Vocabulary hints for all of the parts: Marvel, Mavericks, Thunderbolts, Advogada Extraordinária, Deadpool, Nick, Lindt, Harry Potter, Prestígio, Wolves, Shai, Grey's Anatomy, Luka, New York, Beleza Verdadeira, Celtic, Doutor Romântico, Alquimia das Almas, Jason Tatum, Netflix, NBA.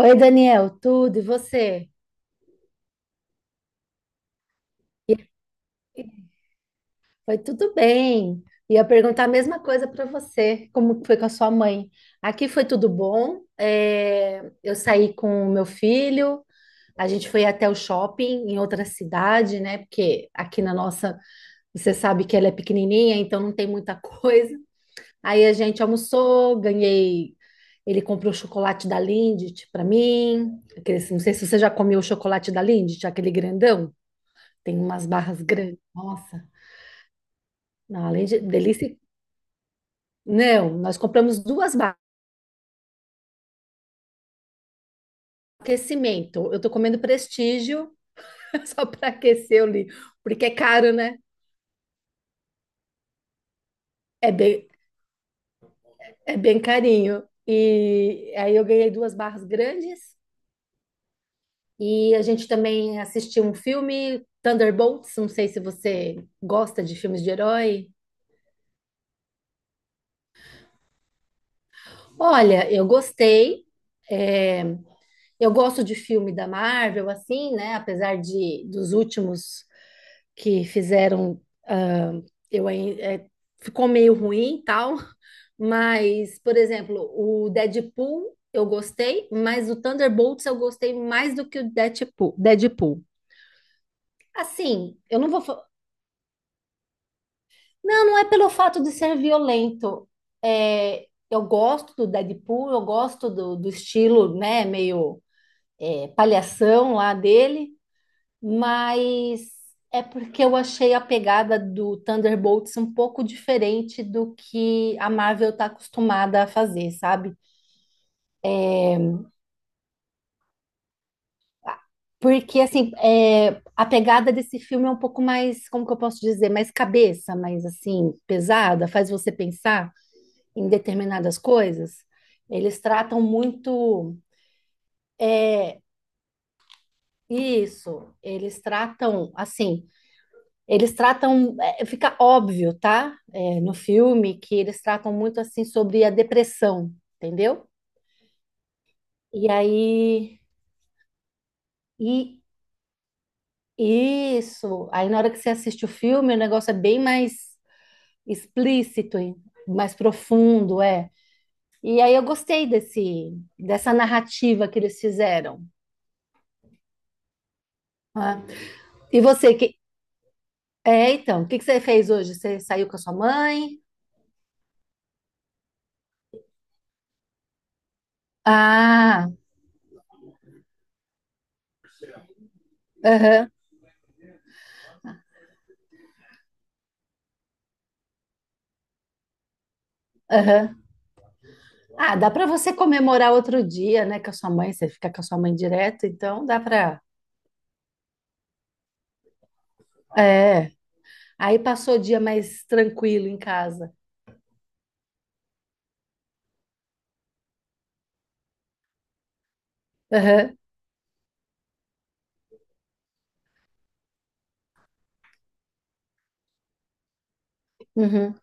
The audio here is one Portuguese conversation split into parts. Oi, Daniel, tudo e você? Foi tudo bem. Ia perguntar a mesma coisa para você, como foi com a sua mãe. Aqui foi tudo bom. Eu saí com o meu filho, a gente foi até o shopping em outra cidade, né? Porque aqui na nossa, você sabe que ela é pequenininha, então não tem muita coisa. Aí a gente almoçou, ganhei. Ele comprou chocolate da Lindt para mim. Não sei se você já comeu o chocolate da Lindt, aquele grandão. Tem umas barras grandes. Nossa, não, além de delícia. Não, nós compramos duas barras de aquecimento. Eu tô comendo Prestígio só para aquecer ali, porque é caro, né? É bem, é bem carinho. E aí eu ganhei duas barras grandes e a gente também assistiu um filme, Thunderbolts. Não sei se você gosta de filmes de herói. Olha, eu gostei. É, Eu gosto de filme da Marvel, assim, né? Apesar de dos últimos que fizeram, ah, eu ain- é, ficou meio ruim e tal, mas, por exemplo, o Deadpool eu gostei, mas o Thunderbolts eu gostei mais do que o Deadpool. Deadpool. Assim, eu não vou. Fa- Não, não é pelo fato de ser violento. É, eu gosto do Deadpool, eu gosto do estilo, né, meio palhação lá dele. Mas é porque eu achei a pegada do Thunderbolts um pouco diferente do que a Marvel está acostumada a fazer, sabe? Porque, assim, a pegada desse filme é um pouco mais, como que eu posso dizer, mais cabeça, mais, assim, pesada, faz você pensar em determinadas coisas. Eles tratam muito é, isso, eles tratam, assim, eles tratam, fica óbvio, tá? É, no filme que eles tratam muito assim sobre a depressão, entendeu? E aí, e isso. Aí na hora que você assiste o filme, o negócio é bem mais explícito, hein? Mais profundo, é. E aí eu gostei desse dessa narrativa que eles fizeram. Né? E você, que então, o que que você fez hoje? Você saiu com a sua mãe? Ah, aham, aham. Ah, dá para você comemorar outro dia, né, com a sua mãe, você fica com a sua mãe direto, então dá para. É. Aí passou o dia mais tranquilo em casa. Aham, uhum,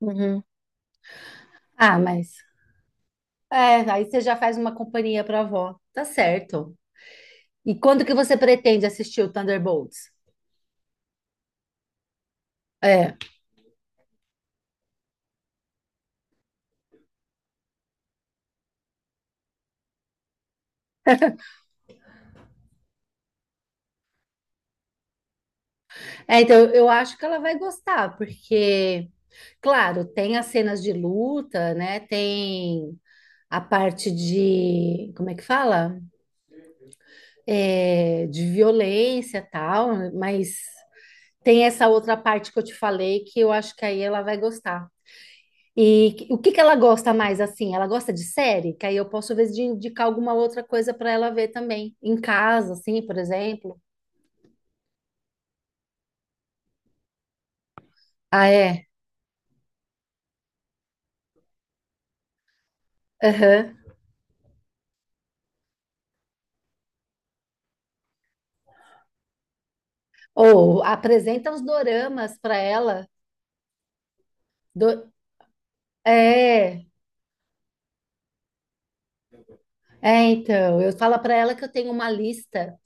uhum. Ah, mas aí você já faz uma companhia para avó. Tá certo. E quando que você pretende assistir o Thunderbolts? É. É, então eu acho que ela vai gostar, porque, claro, tem as cenas de luta, né? Tem a parte de, como é que fala? De violência e tal, mas tem essa outra parte que eu te falei que eu acho que aí ela vai gostar. E o que que ela gosta mais assim? Ela gosta de série? Que aí eu posso, às vezes, indicar alguma outra coisa para ela ver também, em casa, assim, por exemplo. Ah, é? Aham. Ou apresenta os doramas para ela. Do- É, é, então, eu falo para ela que eu tenho uma lista.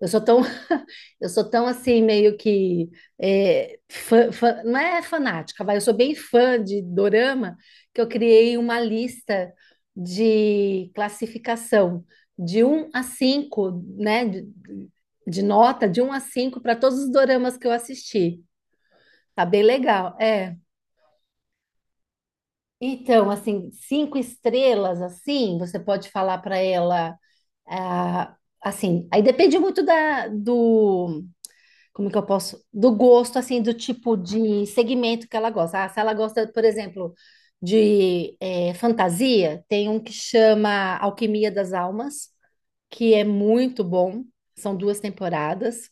Eu sou tão, eu sou tão assim, meio que não é fanática, vai. Eu sou bem fã de dorama que eu criei uma lista de classificação de um a 5, né? De nota de um a 5 para todos os doramas que eu assisti. Tá bem legal, é. Então, assim, cinco estrelas, assim, você pode falar para ela, ah, assim, aí depende muito da, do como que eu posso, do gosto, assim, do tipo de segmento que ela gosta. Ah, se ela gosta, por exemplo, de fantasia, tem um que chama Alquimia das Almas, que é muito bom, são duas temporadas.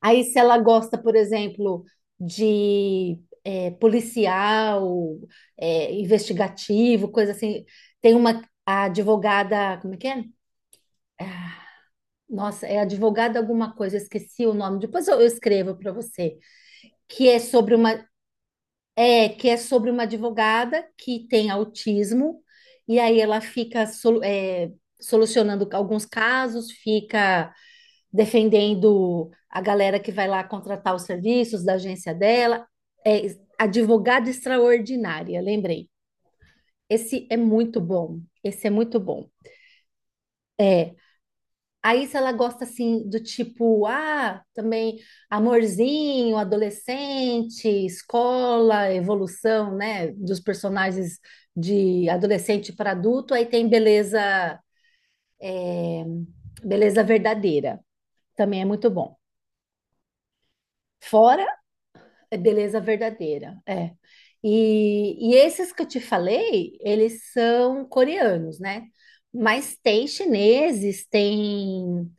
Aí, se ela gosta, por exemplo, de policial, investigativo, coisa assim, tem uma a advogada, como é que é? Ah, nossa, é advogada alguma coisa, eu esqueci o nome. Depois eu escrevo para você. Que é sobre uma É que é sobre uma advogada que tem autismo e aí ela fica solucionando alguns casos, fica defendendo a galera que vai lá contratar os serviços da agência dela. É advogada extraordinária, lembrei. Esse é muito bom. Esse é muito bom. É, aí, se ela gosta assim do tipo, ah, também amorzinho, adolescente, escola, evolução, né, dos personagens de adolescente para adulto, aí tem beleza, beleza verdadeira, também é muito bom. Fora é beleza verdadeira, é. E esses que eu te falei, eles são coreanos, né? Mas tem chineses, tem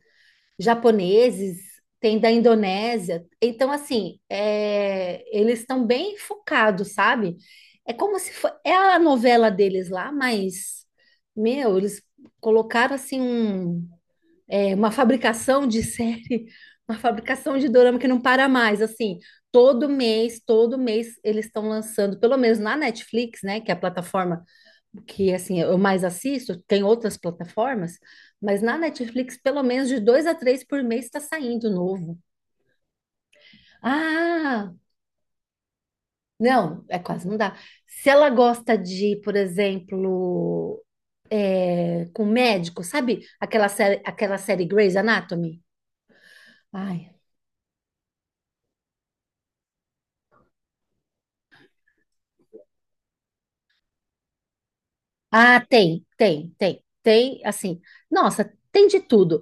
japoneses, tem da Indonésia. Então, assim, eles estão bem focados, sabe? É como se é a novela deles lá, mas, meu, eles colocaram, assim, um, uma fabricação de série, uma fabricação de dorama que não para mais, assim. Todo mês, eles estão lançando, pelo menos na Netflix, né, que é a plataforma que assim eu mais assisto, tem outras plataformas, mas na Netflix pelo menos de dois a três por mês está saindo novo. Ah, não, é quase não dá. Se ela gosta de, por exemplo, com médico, sabe aquela série Grey's Anatomy? Ai. Ah, tem, assim, nossa, tem de tudo.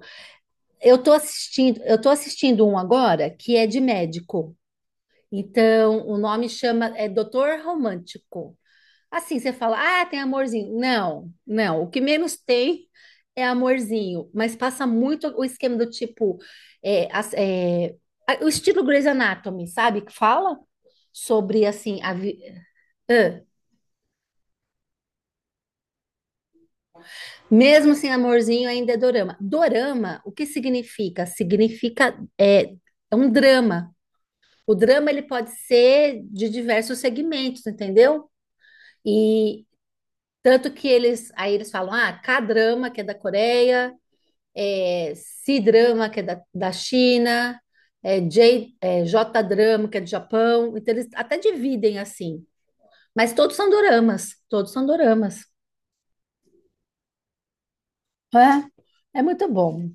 Eu tô assistindo um agora que é de médico. Então, o nome chama Doutor Romântico. Assim, você fala, ah, tem amorzinho. Não, não. O que menos tem é amorzinho, mas passa muito o esquema do tipo, é, as- é, o estilo Grey's Anatomy, sabe? Que fala sobre assim, a vi- Ah, mesmo sem amorzinho ainda é dorama. Dorama, o que significa? Significa é um drama. O drama ele pode ser de diversos segmentos, entendeu? E tanto que eles, aí eles falam, ah, K-drama, que é da Coreia, é, C-drama, que é da, da China, J-drama, que é do Japão. Então eles até dividem assim. Mas todos são doramas, todos são doramas. É, é muito bom.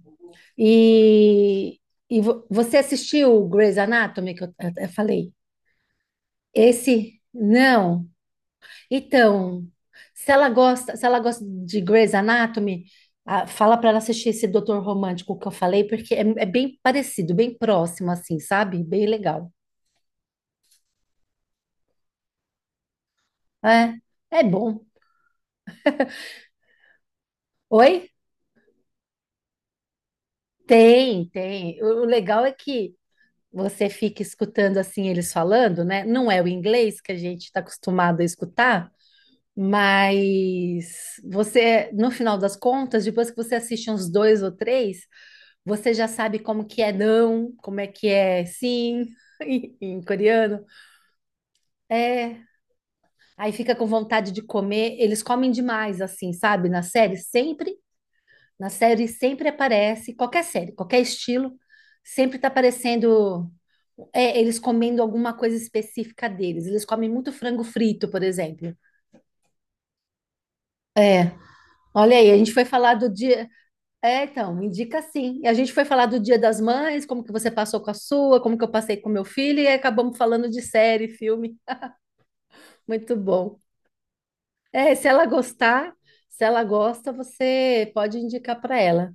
E, e você assistiu Grey's Anatomy, que eu falei? Esse, não. Então, se ela gosta, se ela gosta de Grey's Anatomy, ah, fala para ela assistir esse Doutor Romântico que eu falei, porque é, é bem parecido, bem próximo, assim, sabe? Bem legal. É, é bom. Oi? Tem, tem. O legal é que você fica escutando assim eles falando, né? Não é o inglês que a gente está acostumado a escutar, mas você, no final das contas, depois que você assiste uns dois ou três. Você já sabe como que é não, como é que é sim, em coreano. É. Aí fica com vontade de comer. Eles comem demais, assim, sabe? Na série sempre aparece, qualquer série, qualquer estilo, sempre tá aparecendo eles comendo alguma coisa específica deles. Eles comem muito frango frito, por exemplo. Olha aí, a gente foi falar do dia, é, então, me indica sim. E a gente foi falar do Dia das Mães, como que você passou com a sua, como que eu passei com meu filho, e aí acabamos falando de série, filme. Muito bom. É, se ela gostar, se ela gosta, você pode indicar para ela.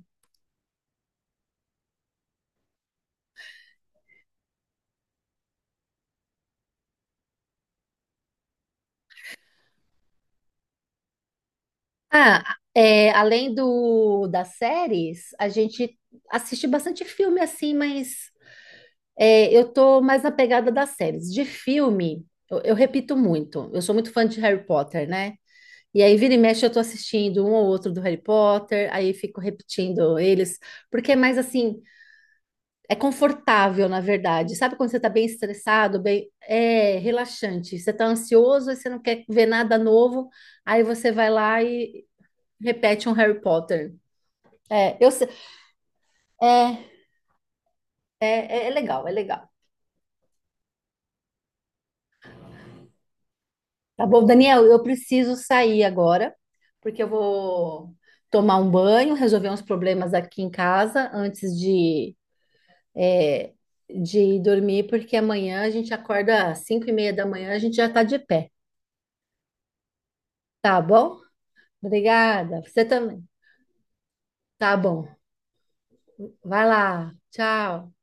Ah, é, além do das séries, a gente assiste bastante filme assim, mas é, eu tô mais na pegada das séries. De filme, eu repito muito. Eu sou muito fã de Harry Potter, né? E aí, vira e mexe, eu tô assistindo um ou outro do Harry Potter, aí fico repetindo eles, porque é mais assim, é confortável, na verdade. Sabe quando você tá bem estressado, bem, é relaxante. Você tá ansioso e você não quer ver nada novo, aí você vai lá e repete um Harry Potter. É, eu sei- é, é, é é legal, é legal. Tá bom, Daniel, eu preciso sair agora, porque eu vou tomar um banho, resolver uns problemas aqui em casa antes é, de dormir, porque amanhã a gente acorda às 5 e meia da manhã, a gente já está de pé, tá bom? Obrigada, você também. Tá bom. Vai lá, tchau.